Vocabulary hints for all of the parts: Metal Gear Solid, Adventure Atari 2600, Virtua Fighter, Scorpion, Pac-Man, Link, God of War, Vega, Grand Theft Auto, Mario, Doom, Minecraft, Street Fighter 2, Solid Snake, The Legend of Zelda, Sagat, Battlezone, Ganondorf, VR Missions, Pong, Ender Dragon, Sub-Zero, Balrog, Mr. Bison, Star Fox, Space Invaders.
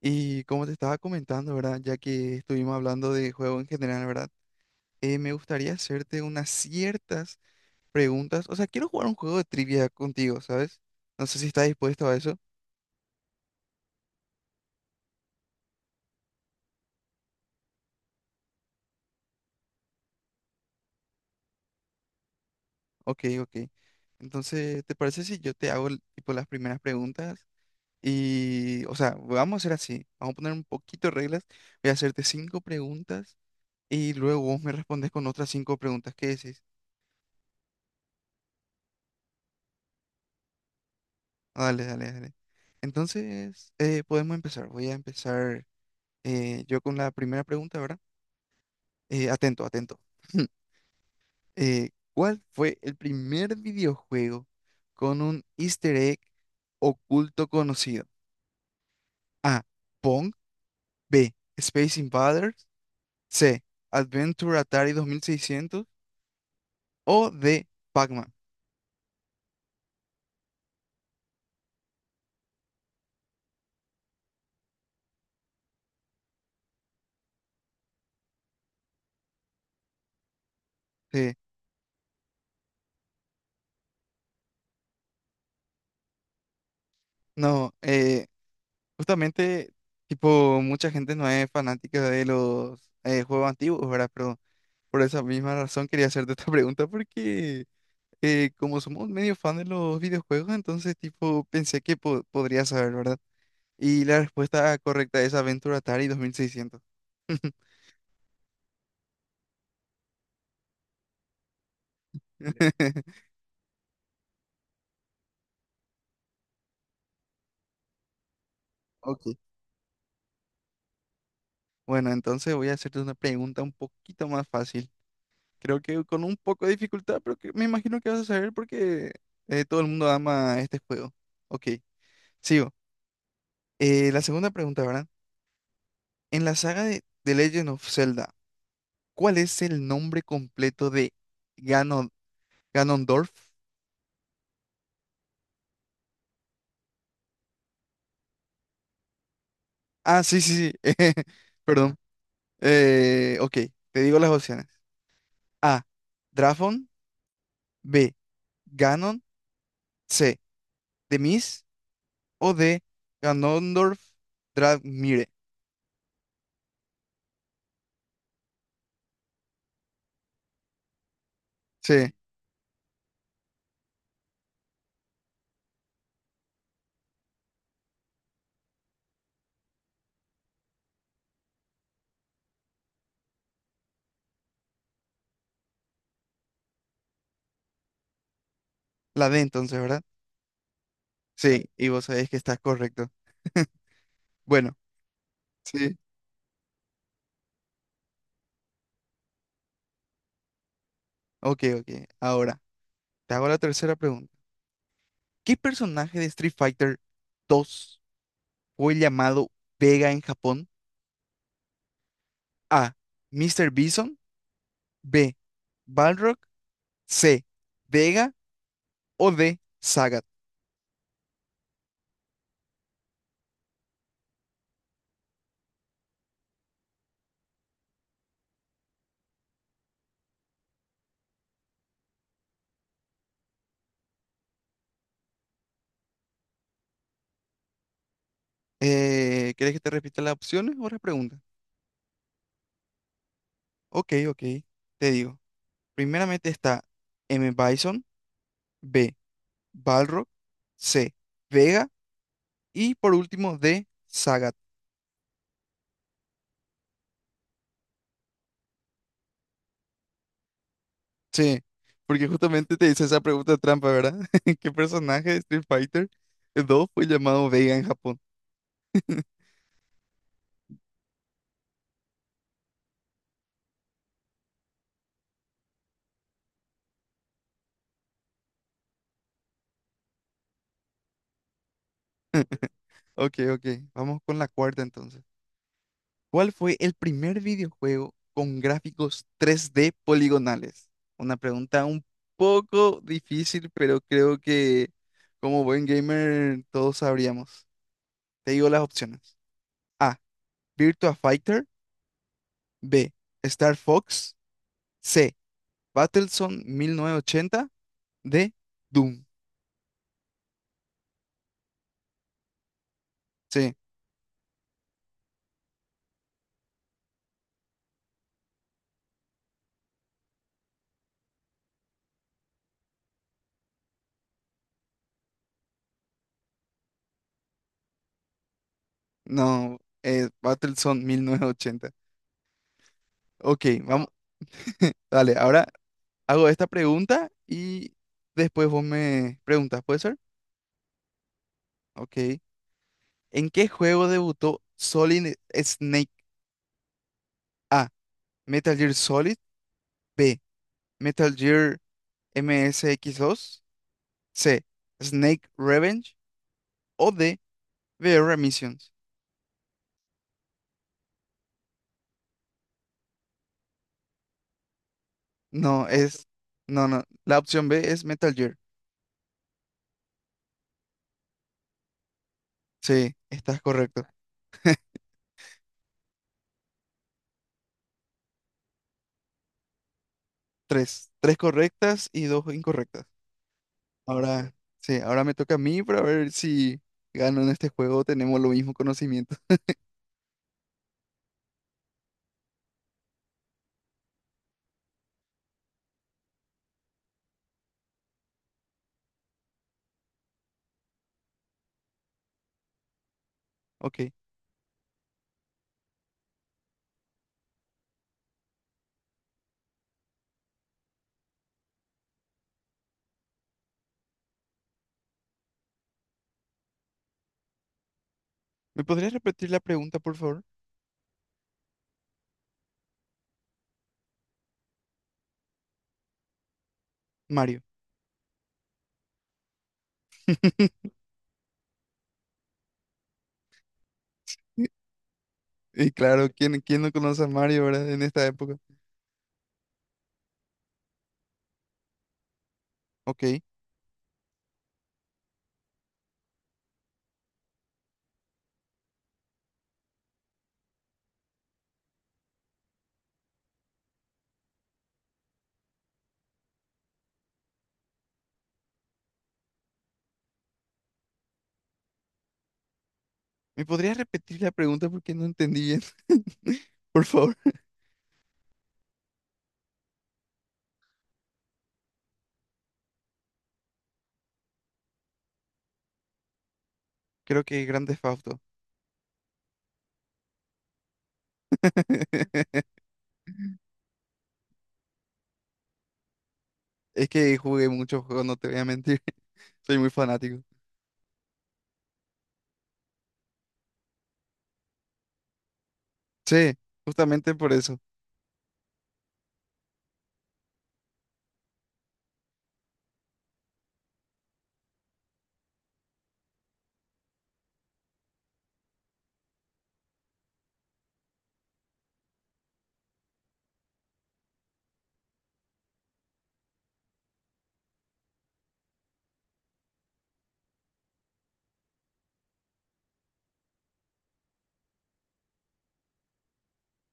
Y como te estaba comentando, ¿verdad? Ya que estuvimos hablando de juego en general, ¿verdad? Me gustaría hacerte unas ciertas preguntas. O sea, quiero jugar un juego de trivia contigo, ¿sabes? No sé si estás dispuesto a eso. Ok, ok. Entonces, ¿te parece si yo te hago tipo las primeras preguntas? Y, o sea, vamos a hacer así. Vamos a poner un poquito de reglas. Voy a hacerte cinco preguntas y luego vos me respondes con otras cinco preguntas. ¿Qué decís? Dale, dale, dale. Entonces, podemos empezar. Voy a empezar. Yo con la primera pregunta, ¿verdad? Atento, atento. ¿Cuál fue el primer videojuego con un easter egg oculto conocido? A. Pong. B. Space Invaders. C. Adventure Atari 2600. O D. Pac-Man. Sí, no, justamente, tipo, mucha gente no es fanática de los juegos antiguos, ¿verdad? Pero por esa misma razón quería hacerte esta pregunta porque como somos medio fan de los videojuegos, entonces tipo pensé que podría saber, ¿verdad? Y la respuesta correcta es Aventura Atari 2600. Ok. Bueno, entonces voy a hacerte una pregunta un poquito más fácil. Creo que con un poco de dificultad, pero que me imagino que vas a saber porque todo el mundo ama este juego. Ok, sigo. La segunda pregunta, ¿verdad? En la saga de The Legend of Zelda, ¿cuál es el nombre completo de Ganon Ganondorf? Ah, sí, sí, sí. Perdón. Ok, te digo las opciones. A. Drafon. B. Ganon. C. Demis. O D. Ganondorf Dramire. Sí, la D entonces, ¿verdad? Sí, y vos sabés que estás correcto. Bueno, sí. Ok, ok. Ahora, te hago la tercera pregunta. ¿Qué personaje de Street Fighter 2 fue llamado Vega en Japón? A. Mr. Bison. B. Balrog. C. Vega. O D, Zagat. ¿Querés que te repita las opciones o las preguntas? Ok, ok, te digo. Primeramente está M. Bison, B, Balrog, C, Vega y por último D, Sagat. Sí, porque justamente te hice esa pregunta trampa, ¿verdad? ¿Qué personaje de Street Fighter 2 fue llamado Vega en Japón? Ok, ok, vamos con la cuarta entonces. ¿Cuál fue el primer videojuego con gráficos 3D poligonales? Una pregunta un poco difícil, pero creo que como buen gamer todos sabríamos. Te digo las opciones. A. Virtua Fighter. B. Star Fox. C. Battlezone 1980. D. Doom. Sí, no, Battlezone 1980. Ok, vamos. Dale, ahora hago esta pregunta y después vos me preguntas, ¿puede ser? Ok. ¿En qué juego debutó Solid Snake? A. Metal Gear Solid. B. Metal Gear MSX2. C. Snake Revenge. O D. VR Missions. No, es. No, no. La opción B es Metal Gear. Sí, estás correcto. Tres. Tres correctas y dos incorrectas. Ahora, sí, ahora me toca a mí para ver si gano en este juego. Tenemos lo mismo conocimiento. Ok. ¿Me podrías repetir la pregunta, por favor? Mario. Y claro, ¿quién no conoce a Mario, verdad? En esta época. Ok. ¿Me podrías repetir la pregunta porque no entendí bien? Por favor. Creo que Grand Theft Auto. Es que jugué muchos juegos, no te voy a mentir. Soy muy fanático. Sí, justamente por eso.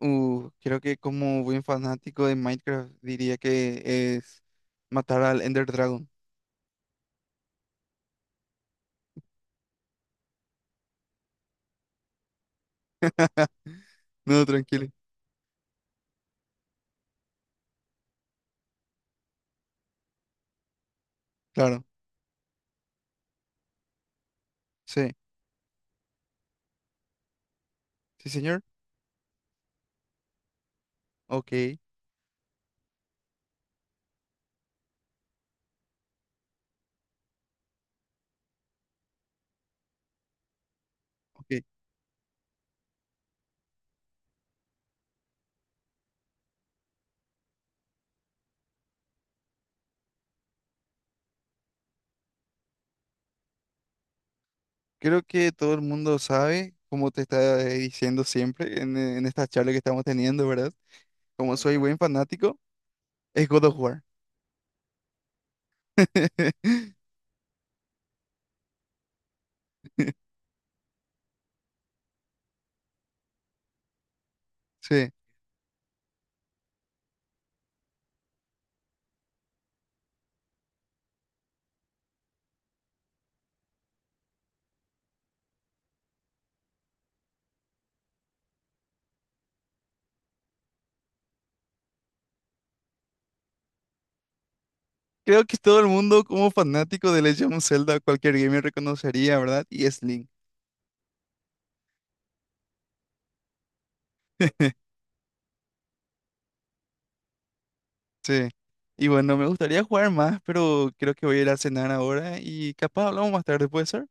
Creo que como buen fanático de Minecraft diría que es matar al Ender Dragon. No, tranquilo. Claro. Sí. Sí, señor. Ok. Ok. Creo que todo el mundo sabe, como te estaba diciendo siempre en esta charla que estamos teniendo, ¿verdad? Como soy buen fanático, es God of War. Sí. Creo que todo el mundo como fanático de Legend of Zelda, cualquier gamer reconocería, ¿verdad? Y es Link. Sí. Y bueno, me gustaría jugar más, pero creo que voy a ir a cenar ahora y capaz hablamos más tarde, ¿puede ser?